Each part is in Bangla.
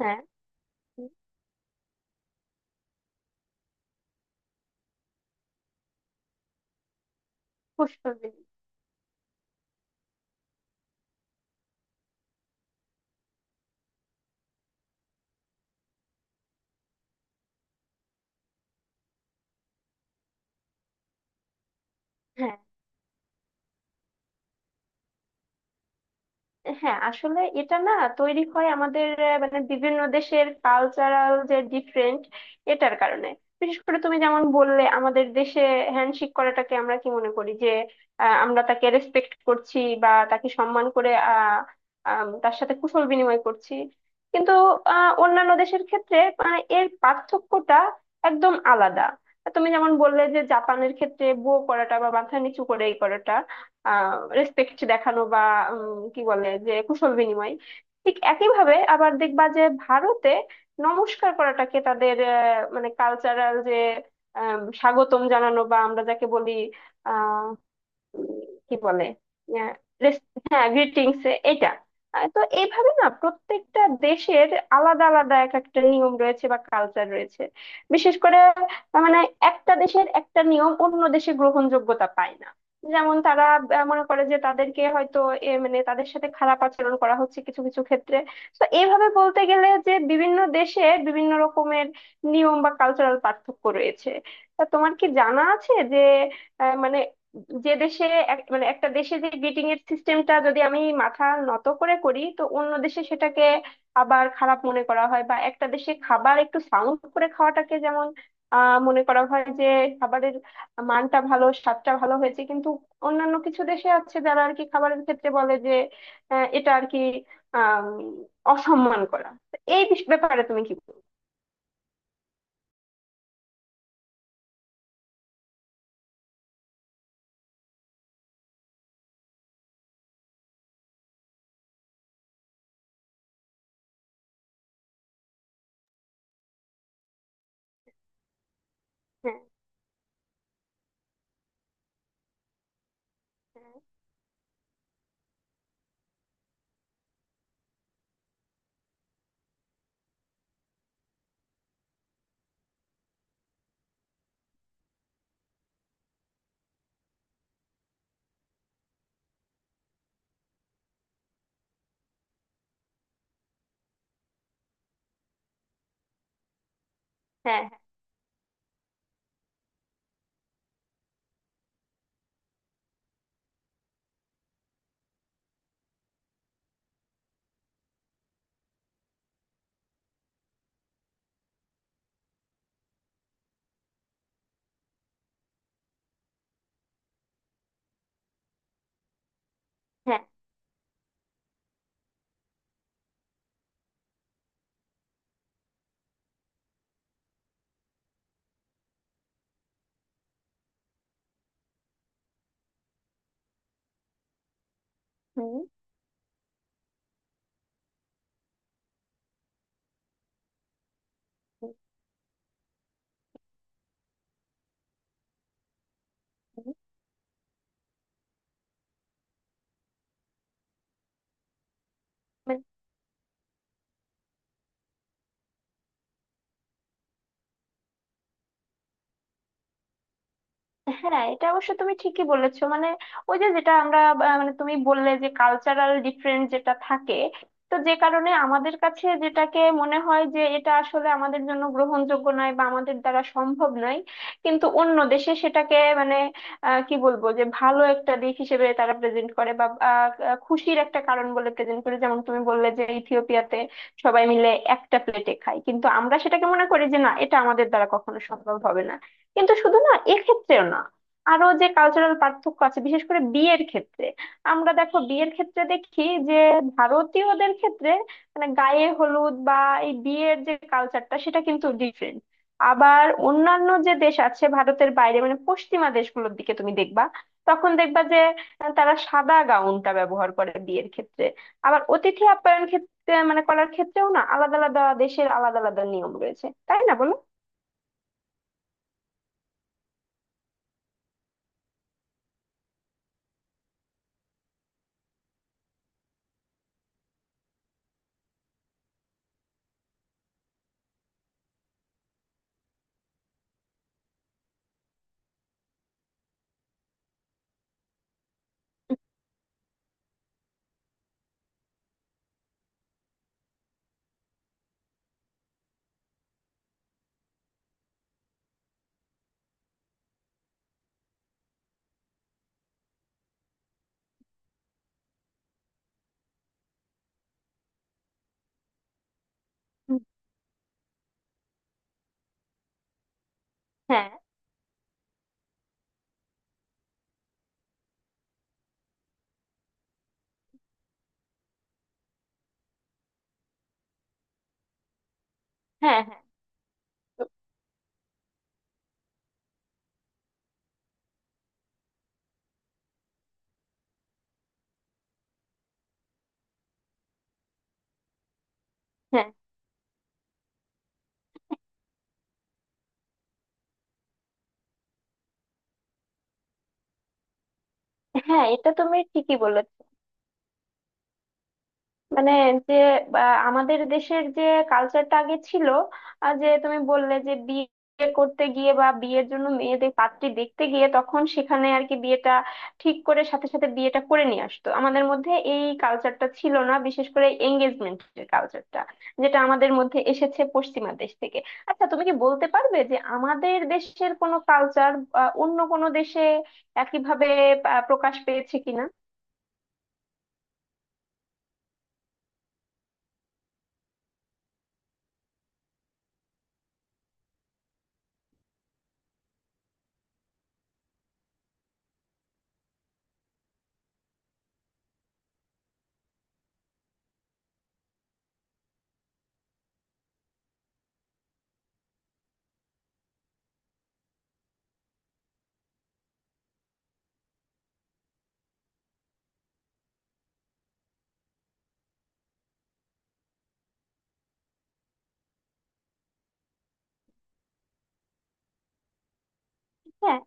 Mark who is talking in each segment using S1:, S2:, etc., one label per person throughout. S1: হ্যাঁ, পুষ্পবিনি। হ্যাঁ, হ্যাঁ, আসলে এটা না তৈরি হয় আমাদের মানে বিভিন্ন দেশের কালচারাল যে ডিফারেন্ট, এটার কারণে। বিশেষ করে তুমি যেমন বললে আমাদের দেশে হ্যান্ডশেক করাটাকে আমরা কি মনে করি যে আমরা তাকে রেসপেক্ট করছি বা তাকে সম্মান করে তার সাথে কুশল বিনিময় করছি। কিন্তু অন্যান্য দেশের ক্ষেত্রে মানে এর পার্থক্যটা একদম আলাদা। তুমি যেমন বললে যে জাপানের ক্ষেত্রে বো করাটা বা মাথা নিচু করে এই করাটা রেসপেক্ট দেখানো বা কি বলে যে কুশল বিনিময়। ঠিক একইভাবে আবার দেখবা যে ভারতে নমস্কার করাটাকে তাদের মানে কালচারাল যে স্বাগতম জানানো বা আমরা যাকে বলি উম, কি বলে আহ, রেস- হ্যাঁ, গ্রিটিংস। এটা তো এইভাবে না প্রত্যেকটা দেশের আলাদা আলাদা এক একটা নিয়ম রয়েছে বা কালচার রয়েছে। বিশেষ করে মানে একটা দেশের একটা নিয়ম অন্য দেশে গ্রহণযোগ্যতা পায় না। যেমন তারা মনে করে যে তাদেরকে হয়তো মানে তাদের সাথে খারাপ আচরণ করা হচ্ছে কিছু কিছু ক্ষেত্রে। তো এইভাবে বলতে গেলে যে বিভিন্ন দেশে বিভিন্ন রকমের নিয়ম বা কালচারাল পার্থক্য রয়েছে। তা তোমার কি জানা আছে যে মানে যে দেশে মানে একটা দেশে যে গ্রিটিং এর সিস্টেমটা যদি আমি মাথা নত করে করি তো অন্য দেশে সেটাকে আবার খারাপ মনে করা হয়, বা একটা দেশে খাবার একটু সাউন্ড করে খাওয়াটাকে যেমন মনে করা হয় যে খাবারের মানটা ভালো, স্বাদটা ভালো হয়েছে। কিন্তু অন্যান্য কিছু দেশে আছে যারা আর কি খাবারের ক্ষেত্রে বলে যে আহ, এটা আর কি আহ অসম্মান করা। তো এই ব্যাপারে তুমি কি বলছো? হ্যাঁ, হ্যাঁ, হ্যাঁ, হ্যাঁ, হ্যাঁ। হুম। হুম। হুম। হ্যাঁ, এটা অবশ্য তুমি ঠিকই বলেছো। মানে ওই যে যেটা আমরা মানে তুমি বললে যে কালচারাল ডিফারেন্স যেটা থাকে। তো যে কারণে আমাদের কাছে যেটাকে মনে হয় যে এটা আসলে আমাদের জন্য গ্রহণযোগ্য নয় বা আমাদের দ্বারা সম্ভব নয়। কিন্তু অন্য দেশে সেটাকে মানে কি বলবো যে ভালো একটা দিক হিসেবে তারা প্রেজেন্ট করে বা আহ, আহ, খুশির একটা কারণ বলে প্রেজেন্ট করে। যেমন তুমি বললে যে ইথিওপিয়াতে সবাই মিলে একটা প্লেটে খায়, কিন্তু আমরা সেটাকে মনে করি যে না, এটা আমাদের দ্বারা কখনো সম্ভব হবে না। কিন্তু শুধু না, এক্ষেত্রেও না, আরো যে কালচারাল পার্থক্য আছে বিশেষ করে বিয়ের ক্ষেত্রে। আমরা দেখো বিয়ের ক্ষেত্রে দেখি যে ভারতীয়দের ক্ষেত্রে মানে গায়ে হলুদ বা এই বিয়ের যে কালচারটা সেটা কিন্তু ডিফারেন্ট। আবার অন্যান্য যে দেশ আছে ভারতের বাইরে মানে পশ্চিমা দেশগুলোর দিকে তুমি দেখবা, তখন দেখবা যে তারা সাদা গাউনটা ব্যবহার করে বিয়ের ক্ষেত্রে। আবার অতিথি আপ্যায়ন ক্ষেত্রে মানে করার ক্ষেত্রেও না আলাদা আলাদা দেশের আলাদা আলাদা নিয়ম রয়েছে, তাই না বলো? হুম। হ্যাঁ, হ্যাঁ, হ্যাঁ, হ্যাঁ। হ্যাঁ, এটা তুমি ঠিকই বলেছ। মানে যে বা আমাদের দেশের যে কালচারটা আগে ছিল আর যে তুমি বললে যে বিয়ে করতে গিয়ে বা বিয়ের জন্য মেয়েদের পাত্রী দেখতে গিয়ে তখন সেখানে আর কি বিয়েটা ঠিক করে সাথে সাথে বিয়েটা করে নিয়ে আসতো, আমাদের মধ্যে এই কালচারটা ছিল না, বিশেষ করে এঙ্গেজমেন্টের কালচারটা যেটা আমাদের মধ্যে এসেছে পশ্চিমা দেশ থেকে। আচ্ছা, তুমি কি বলতে পারবে যে আমাদের দেশের কোনো কালচার অন্য কোনো দেশে একইভাবে প্রকাশ পেয়েছে কিনা? হ্যাঁ,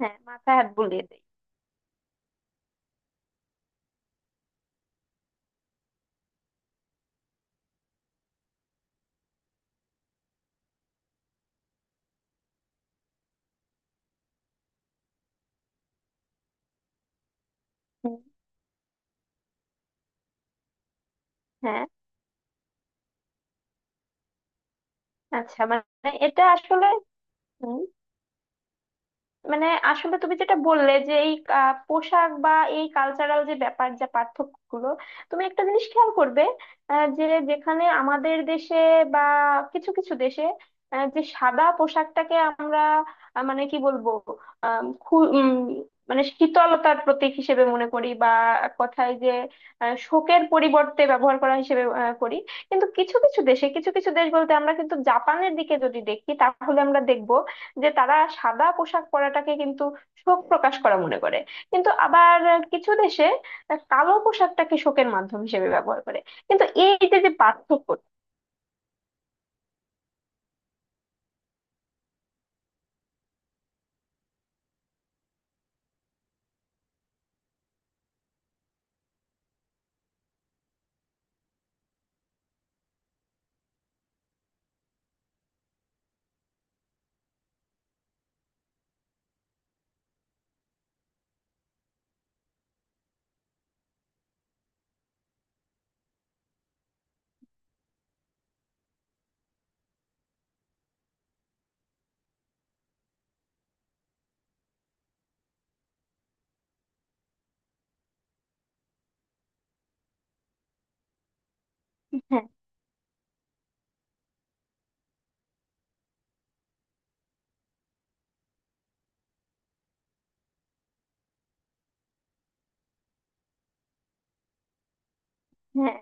S1: হ্যাঁ, মাথায় হাত বুলিয়ে দেই। হুম। হ্যাঁ। আচ্ছা, মানে এটা আসলে। হুম, মানে আসলে তুমি যেটা বললে যে এই পোশাক বা এই কালচারাল যে ব্যাপার যা পার্থক্যগুলো তুমি একটা জিনিস খেয়াল করবে। যে যেখানে আমাদের দেশে বা কিছু কিছু দেশে যে সাদা পোশাকটাকে আমরা মানে কি বলবো আম, খু- উম, মানে শীতলতার প্রতীক হিসেবে মনে করি, বা এক কথায় যে শোকের পরিবর্তে ব্যবহার করা হিসেবে করি। কিন্তু কিছু কিছু দেশে, কিছু কিছু দেশ বলতে আমরা কিন্তু জাপানের দিকে যদি দেখি তাহলে আমরা দেখব যে তারা সাদা পোশাক পরাটাকে কিন্তু শোক প্রকাশ করা মনে করে। কিন্তু আবার কিছু দেশে কালো পোশাকটাকে শোকের মাধ্যম হিসেবে ব্যবহার করে। কিন্তু এই যে যে পার্থক্য। হ্যাঁ, হ্যাঁ,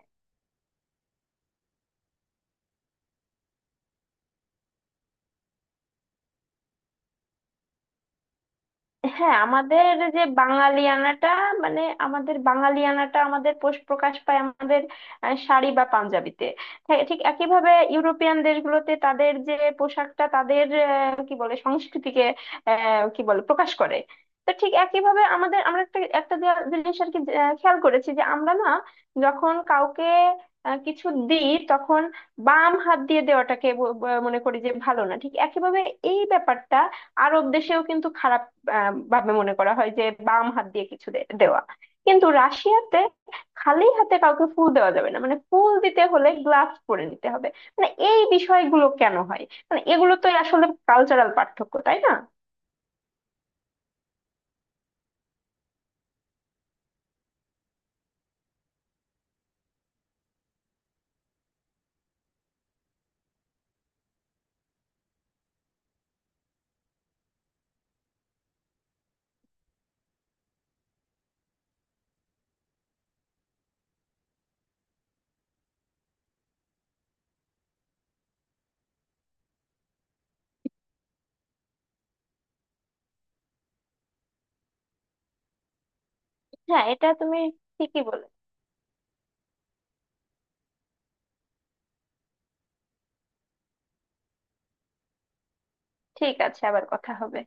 S1: হ্যাঁ। আমাদের যে বাঙালিয়ানাটা, মানে আমাদের বাঙালিয়ানাটা আমাদের পোষ প্রকাশ পায় আমাদের শাড়ি বা পাঞ্জাবিতে। হ্যাঁ, ঠিক একইভাবে ইউরোপিয়ান দেশগুলোতে তাদের যে পোশাকটা তাদের কি বলে সংস্কৃতিকে আহ, কি বলে প্রকাশ করে। তো ঠিক একইভাবে আমাদের আমরা একটা একটা জিনিস আর কি খেয়াল করেছি যে আমরা না, যখন কাউকে কিছু দিই তখন বাম হাত দিয়ে দেওয়াটাকে মনে করি যে ভালো না। ঠিক একইভাবে এই ব্যাপারটা আরব দেশেও কিন্তু খারাপ ভাবে মনে করা হয় যে বাম হাত দিয়ে কিছু দেওয়া। কিন্তু রাশিয়াতে খালি হাতে কাউকে ফুল দেওয়া যাবে না, মানে ফুল দিতে হলে গ্লাভস পরে নিতে হবে। মানে এই বিষয়গুলো কেন হয়? মানে এগুলো তো আসলে কালচারাল পার্থক্য, তাই না? হ্যাঁ, এটা তুমি ঠিকই বলে। ঠিক আছে, আবার কথা হবে।